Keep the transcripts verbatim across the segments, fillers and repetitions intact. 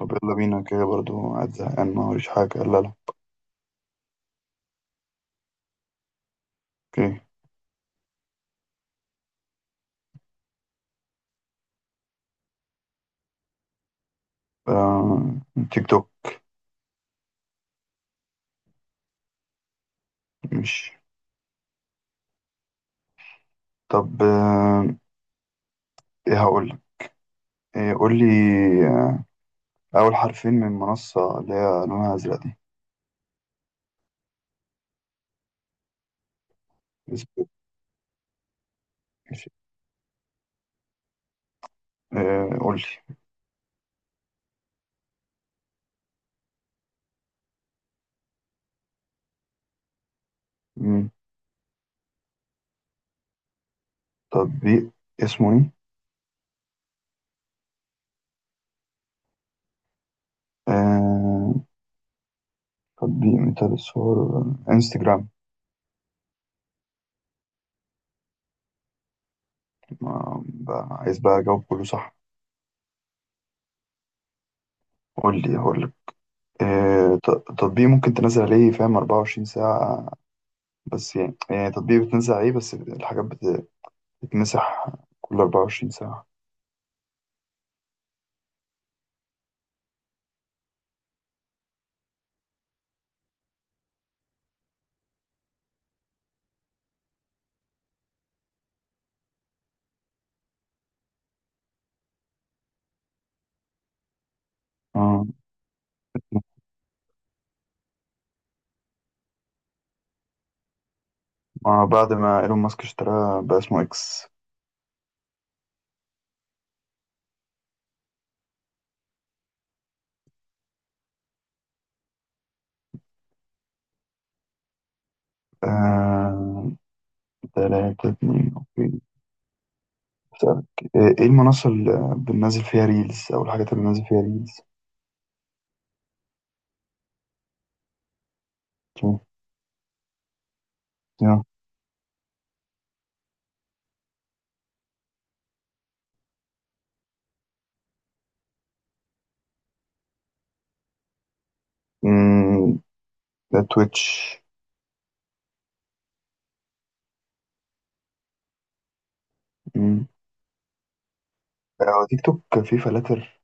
طب يلا بينا كده برضو قاعد زهقان ما وريش حاجة. لا، لا، اوكي. آه... تيك توك. مش. طب، آه... ايه هقول لك؟ إيه؟ قول لي. آه... اول حرفين من منصة اللي هي لونها ازرق دي. اسمه- ماشي. آه... قول لي. مم، تطبيق اسمه ايه؟ آه... تطبيق مثال الصور. انستجرام. ما... بقى... عايز بقى اجاوب كله صح. قول لي هقول لك. آه... ت- تطبيق ممكن تنزل عليه فاهم 24 ساعة. بس يعني يعني تطبيق بتنزل عليه، بس الحاجات بت- بتتمسح كل 24 ساعة. اه. آه، بعد ما ايلون ماسك اشتراها بقى اسمه اكس. آه، تلاتة اتنين، اوكي. أسألك. آه، ايه المنصة اللي بننزل فيها ريلز او الحاجات اللي بننزل فيها ريلز؟ يا. مم، ده تويتش. مم. آه، تيك توك فيه فلاتر.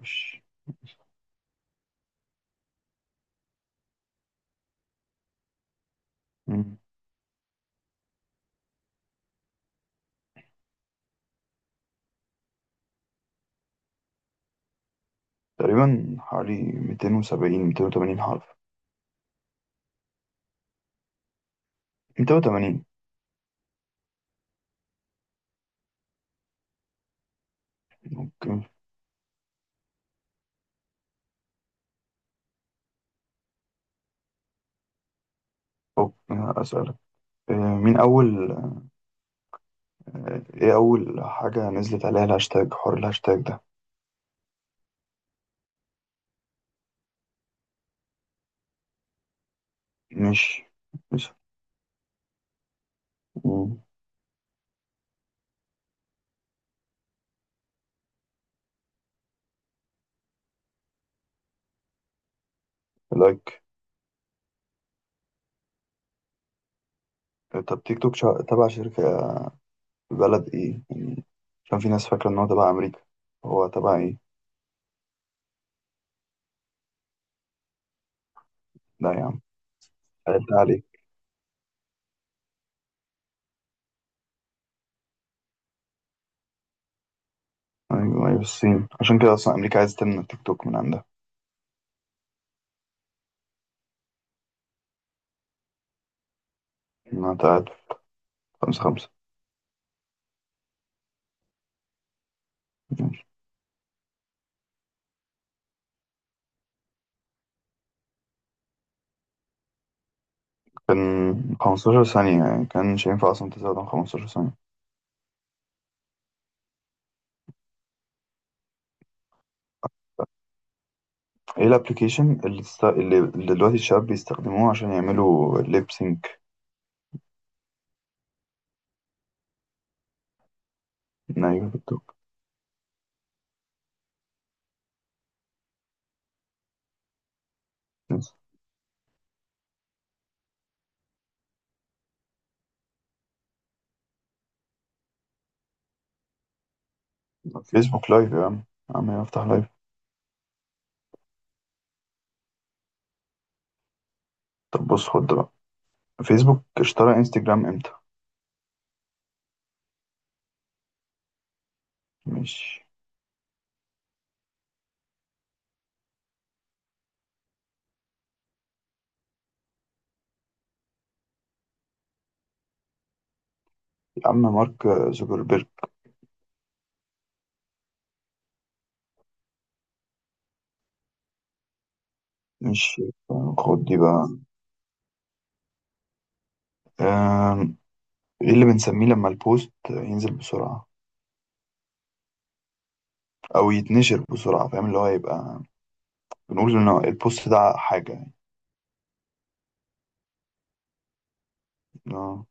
مش. مم. تقريبا حوالي ميتين وسبعين، ميتين وتمانين حرف. ميتين وتمانين. اوكي. أوك- آه، أسألك. مين أول؟ إيه أول حاجة نزلت عليها الهاشتاج، حوار الهاشتاج ده؟ مش. مش. مم. لايك. طب تيك توك شا... تبع شركة، بلد إيه يعني؟ عشان في ناس فاكرة إن هو تبع أمريكا. هو تبع إيه؟ لا يا عم، قلت عليه. أيوه أيوه، الصين. عشان كده أصلا أمريكا عايزة تمنع تيك توك من عندها. إنها تقعد. خمسة خمسة. كان 15 ثانية، يعني كانش ينفع أصلا تزود عن 15 ثانية. إيه الأبليكيشن اللي، است... اللي اللي دلوقتي الشباب بيستخدموه عشان يعملوا ليبسينج؟ ايوه، بالدوك. فيسبوك لايف يا عم. عم افتح لايف. طب بص، خد ده بقى. فيسبوك اشترى انستجرام امتى؟ مش. يا عم، مارك زوكربيرج. مش. خد دي بقى. آم، ايه اللي بنسميه لما البوست ينزل بسرعة او يتنشر بسرعة فاهم اللي هو يبقى، بنقول ان البوست ده حاجة يعني؟ آه،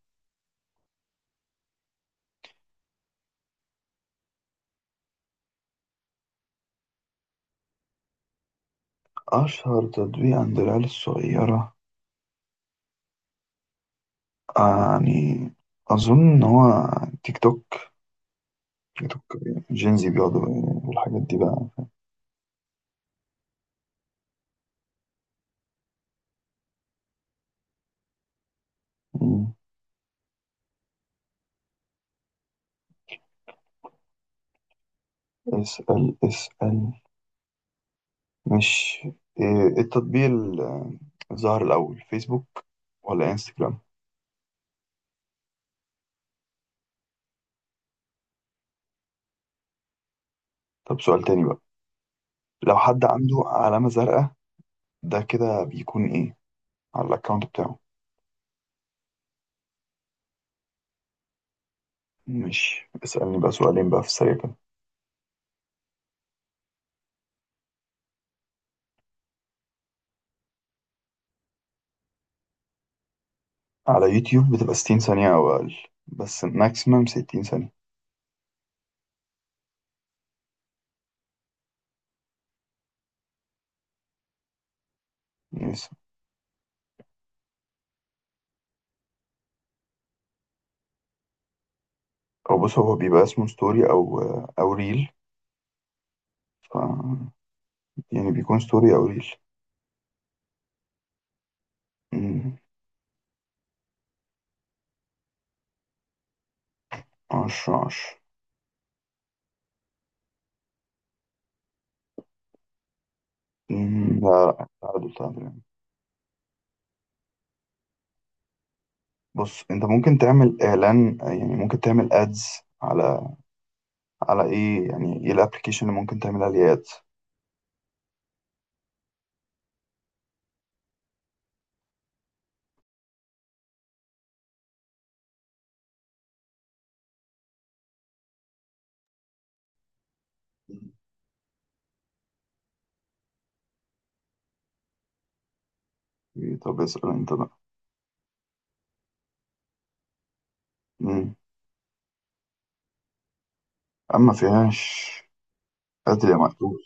اشهر تطبيق عند العيال الصغيرة. آه، يعني اظن ان هو تيك توك. تيك توك، جينزي بيقعدوا والحاجات دي. بقى اسأل. اسأل. مش. إيه التطبيق ال- الظاهر الأول، فيسبوك ولا انستجرام؟ طب سؤال تاني بقى. لو حد عنده علامة زرقاء، ده كده بيكون ايه على الأكاونت بتاعه؟ مش. اسألني بقى سؤالين بقى في السريع كده. على يوتيوب بتبقى 60 ثانية أو أقل. بس ماكسيمم 60 ثانية. يس. أو بص، هو بيبقى اسمه ستوري أو أو ريل. ف يعني بيكون ستوري أو ريل. مم. عشرة عشرة. مم. لا، تعادل تعادل. بص، انت ممكن تعمل اعلان، يعني ممكن تعمل ادز على، على ايه؟ يعني ايه الابلكيشن اللي ممكن تعمل عليه ادز؟ طب اسأل انت بقى. مم. اما فيهاش. قتل يا مقتول.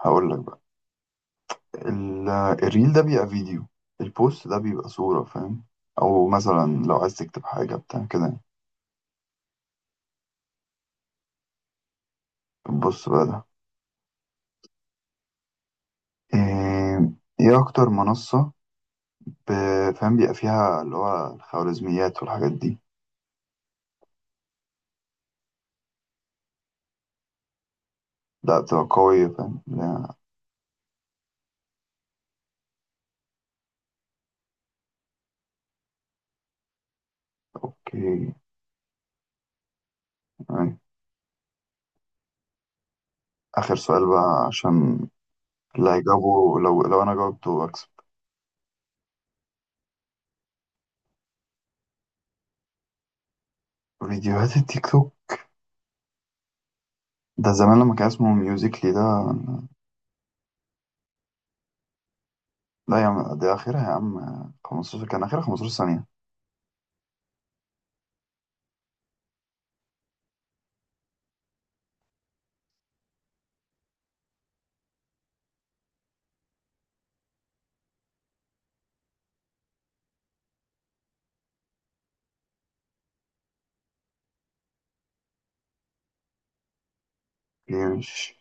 هقول لك بقى. ال- الريل ده بيبقى فيديو. البوست ده بيبقى صورة فاهم، او مثلا لو عايز تكتب حاجة بتاع كده. يعني. بص بقى ده. ايه. ايه اكتر منصة ب- فاهم بيبقى فيها اللي هو الخوارزميات والحاجات دي؟ لا بتبقى قوية فاهم، لا. اوكي. آخر سؤال بقى، عشان اللي هيجاوبه. لو لو أنا جاوبته أكسب. فيديوهات التيك توك ده زمان لما كان اسمه ميوزيكلي ده. لا يا عم، ده آخرها يا عم. خمسة عشر، كان آخرها 15 ثانية. ليه؟ مش.